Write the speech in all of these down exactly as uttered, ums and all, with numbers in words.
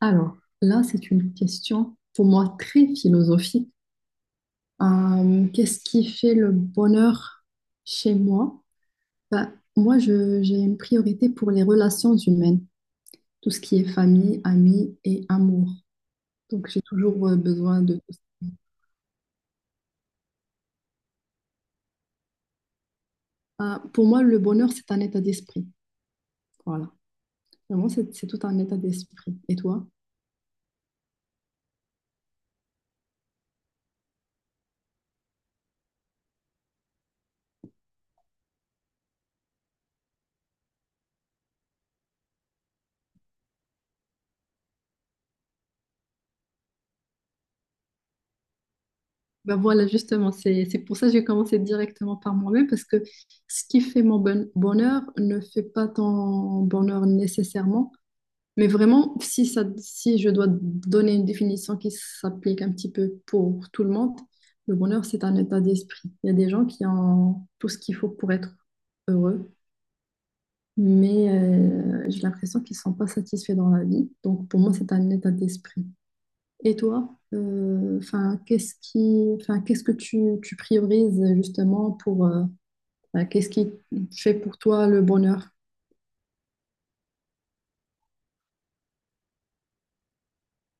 Alors, là, c'est une question pour moi très philosophique. Euh, qu'est-ce qui fait le bonheur chez moi? Ben, moi, je- j'ai une priorité pour les relations humaines, tout ce qui est famille, amis et amour. Donc, j'ai toujours euh, besoin de tout ça. Euh, pour moi, le bonheur, c'est un état d'esprit. Voilà. Vraiment, c'est c'est tout un état d'esprit. Et toi? Ben voilà, justement, c'est c'est pour ça que j'ai commencé directement par moi-même, parce que ce qui fait mon bon- bonheur ne fait pas ton bonheur nécessairement, mais vraiment, si ça, si je dois donner une définition qui s'applique un petit peu pour tout le monde, le bonheur, c'est un état d'esprit. Il y a des gens qui ont tout ce qu'il faut pour être heureux, mais euh, j'ai l'impression qu'ils ne sont pas satisfaits dans la vie. Donc pour moi, c'est un état d'esprit. Et toi, euh, enfin, qu'est-ce qui, enfin, qu'est-ce que tu, tu priorises justement pour, euh, enfin, qu'est-ce qui fait pour toi le bonheur?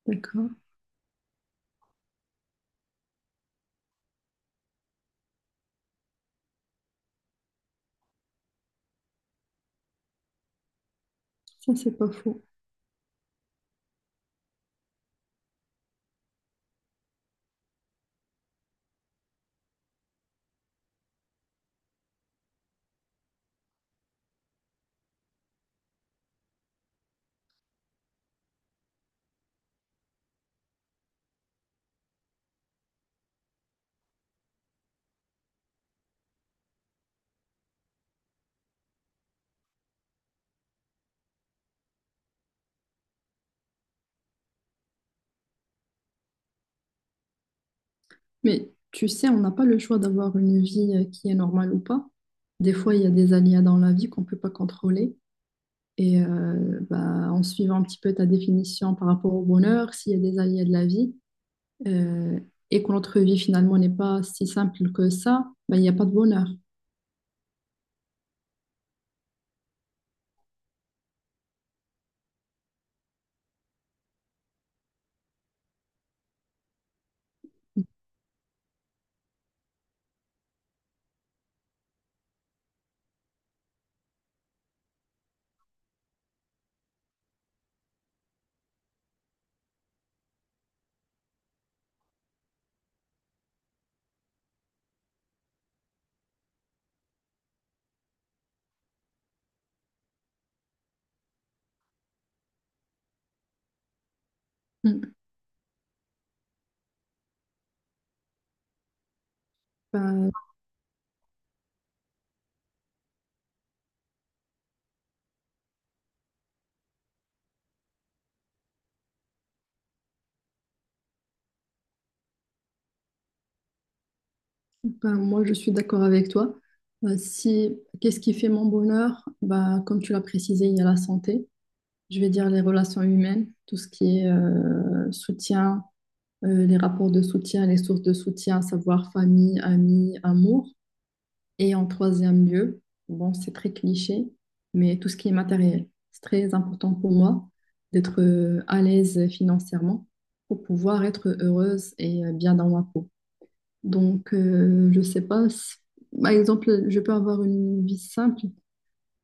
D'accord, ça c'est pas faux. Mais tu sais, on n'a pas le choix d'avoir une vie euh, qui est normale ou pas. Des fois, il y a des aléas dans la vie qu'on peut pas contrôler. Et euh, bah, en suivant un petit peu ta définition par rapport au bonheur, s'il y a des aléas de la vie euh, et que notre vie finalement n'est pas si simple que ça, bah, il n'y a pas de bonheur. Mm. Bah, Ben, moi, je suis d'accord avec toi. Euh, si, qu'est-ce qui fait mon bonheur? Bah, comme tu l'as précisé, il y a la santé. Je vais dire les relations humaines, tout ce qui est euh, soutien, euh, les rapports de soutien, les sources de soutien, à savoir famille, amis, amour. Et en troisième lieu, bon, c'est très cliché, mais tout ce qui est matériel. C'est très important pour moi d'être euh, à l'aise financièrement pour pouvoir être heureuse et euh, bien dans ma peau. Donc, euh, je sais pas. si- Par exemple, je peux avoir une vie simple,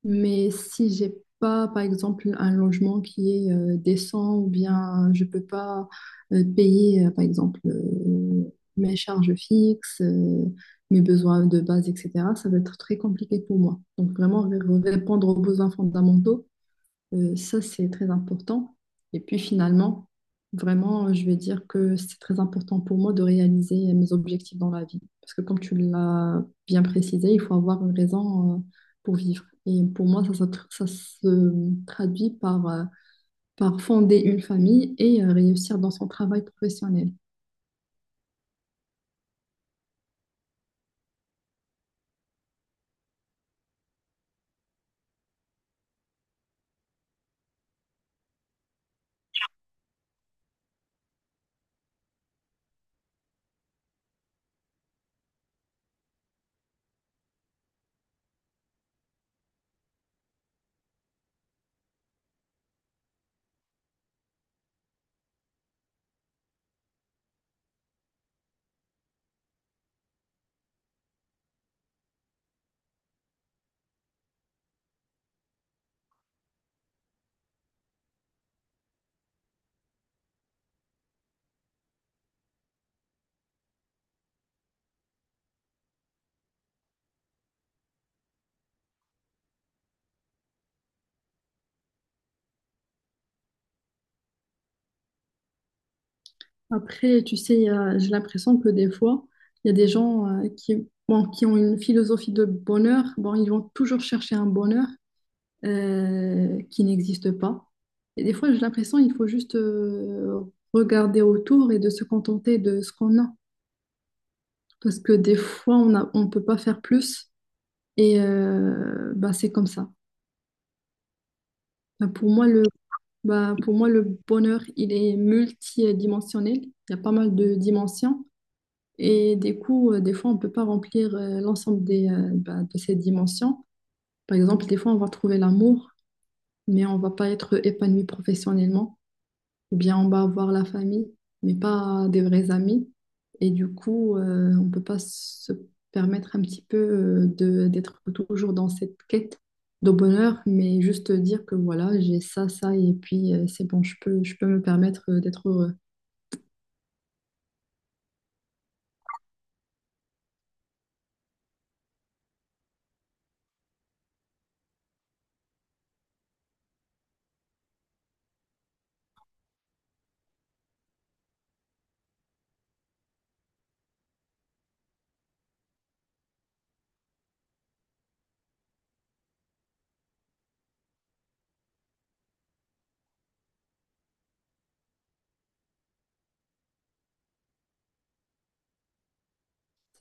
mais si j'ai pas, par exemple, un logement qui est euh, décent ou bien je peux pas euh, payer, euh, par exemple, euh, mes charges fixes, euh, mes besoins de base, et cætera, ça va être très compliqué pour moi. Donc, vraiment, ré- répondre aux besoins fondamentaux, euh, ça, c'est très important. Et puis finalement, vraiment, euh, je vais dire que c'est très important pour moi de réaliser mes objectifs dans la vie. Parce que comme tu l'as bien précisé, il faut avoir une raison, euh, pour vivre. Et pour moi, ça, se tr- ça se traduit par, euh, par fonder une famille et euh, réussir dans son travail professionnel. Après, tu sais, euh, j'ai l'impression que des fois, il y a des gens euh, qui, bon, qui ont une philosophie de bonheur. Bon, ils vont toujours chercher un bonheur euh, qui n'existe pas. Et des fois, j'ai l'impression qu'il faut juste euh, regarder autour et de se contenter de ce qu'on a. Parce que des fois, on a, on peut pas faire plus. Et euh, bah, c'est comme ça. Bah, pour moi, le, bah, pour moi, le bonheur, il est multidimensionnel. Il y a pas mal de dimensions. Et des coups, euh, des fois, on peut pas remplir euh, l'ensemble des, euh, bah, de ces dimensions. Par exemple, des fois, on va trouver l'amour, mais on va pas être épanoui professionnellement. Ou bien on va voir la famille, mais pas des vrais amis. Et du coup, euh, on peut pas se permettre un petit peu euh, de d'être toujours dans cette quête de bonheur, mais juste dire que voilà, j'ai ça, ça, et puis euh, c'est bon, je peux, je peux me permettre euh, d'être heureux.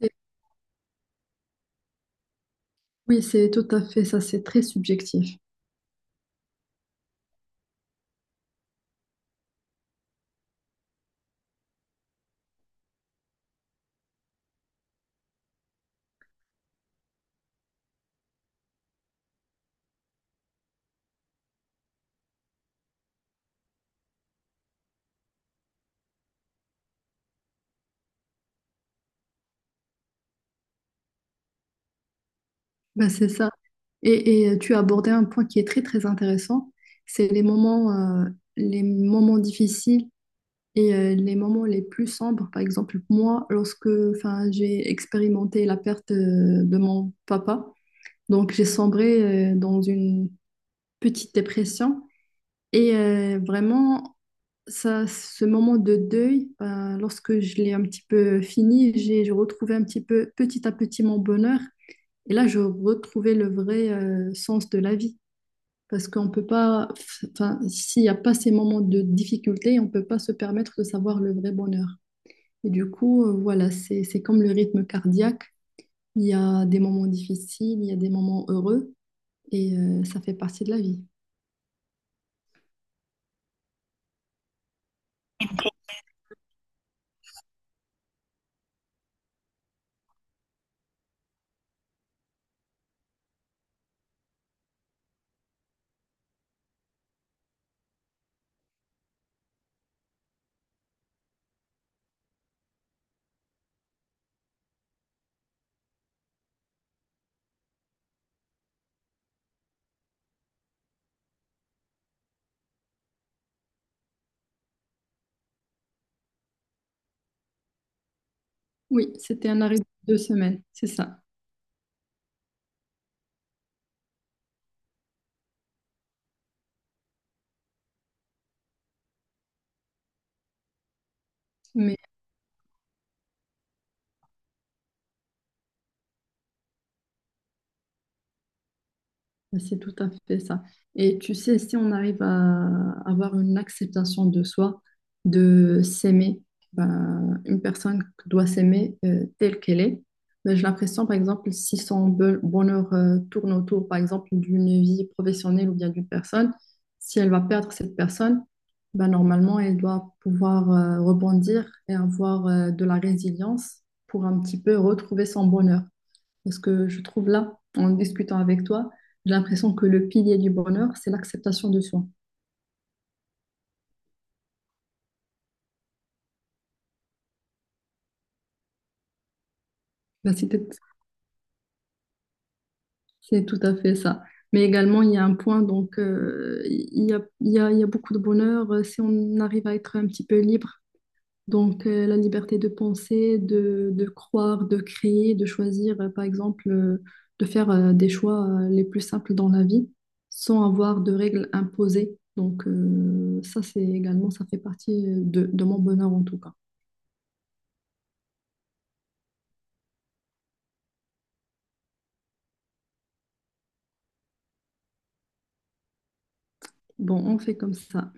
Et oui, c'est tout à fait ça, c'est très subjectif. Ben, c'est ça. Et, et, euh, tu as abordé un point qui est très, très intéressant, c'est les moments, euh, les moments difficiles. Et euh, les moments les plus sombres, par exemple, moi, lorsque enfin, j'ai expérimenté la perte euh, de mon papa, donc j'ai sombré euh, dans une petite dépression. Et euh, vraiment, ça, ce moment de deuil, ben, lorsque je l'ai un petit peu fini, j'ai j'ai retrouvé un petit peu, petit à petit, mon bonheur. Et là, je retrouvais le vrai euh, sens de la vie. Parce qu'on peut pas, enfin, s'il n'y a pas ces moments de difficulté, on peut pas se permettre de savoir le vrai bonheur. Et du coup, euh, voilà, c'est, c'est comme le rythme cardiaque. Il y a des moments difficiles, il y a des moments heureux, et euh, ça fait partie de la vie. Oui, c'était un arrêt de deux semaines, c'est ça. Mais c'est tout à fait ça. Et tu sais, si on arrive à avoir une acceptation de soi, de s'aimer, ben, une personne doit s'aimer euh, telle qu'elle est. Ben, j'ai l'impression, par exemple, si son be- bonheur euh, tourne autour, par exemple, d'une vie professionnelle ou bien d'une personne, si elle va perdre cette personne, ben, normalement, elle doit pouvoir euh, rebondir et avoir euh, de la résilience pour un petit peu retrouver son bonheur. Parce que je trouve là, en discutant avec toi, j'ai l'impression que le pilier du bonheur, c'est l'acceptation de soi. Ben, c'est peut-être- c'est tout à fait ça. Mais également, il y a un point, donc, euh, il y a, il y a, il y a beaucoup de bonheur euh, si on arrive à être un petit peu libre. Donc, euh, la liberté de penser, de, de croire, de créer, de choisir, euh, par exemple, euh, de faire euh, des choix euh, les plus simples dans la vie sans avoir de règles imposées. Donc, euh, ça, c'est également, ça fait partie euh, de, de mon bonheur en tout cas. Bon, on fait comme ça.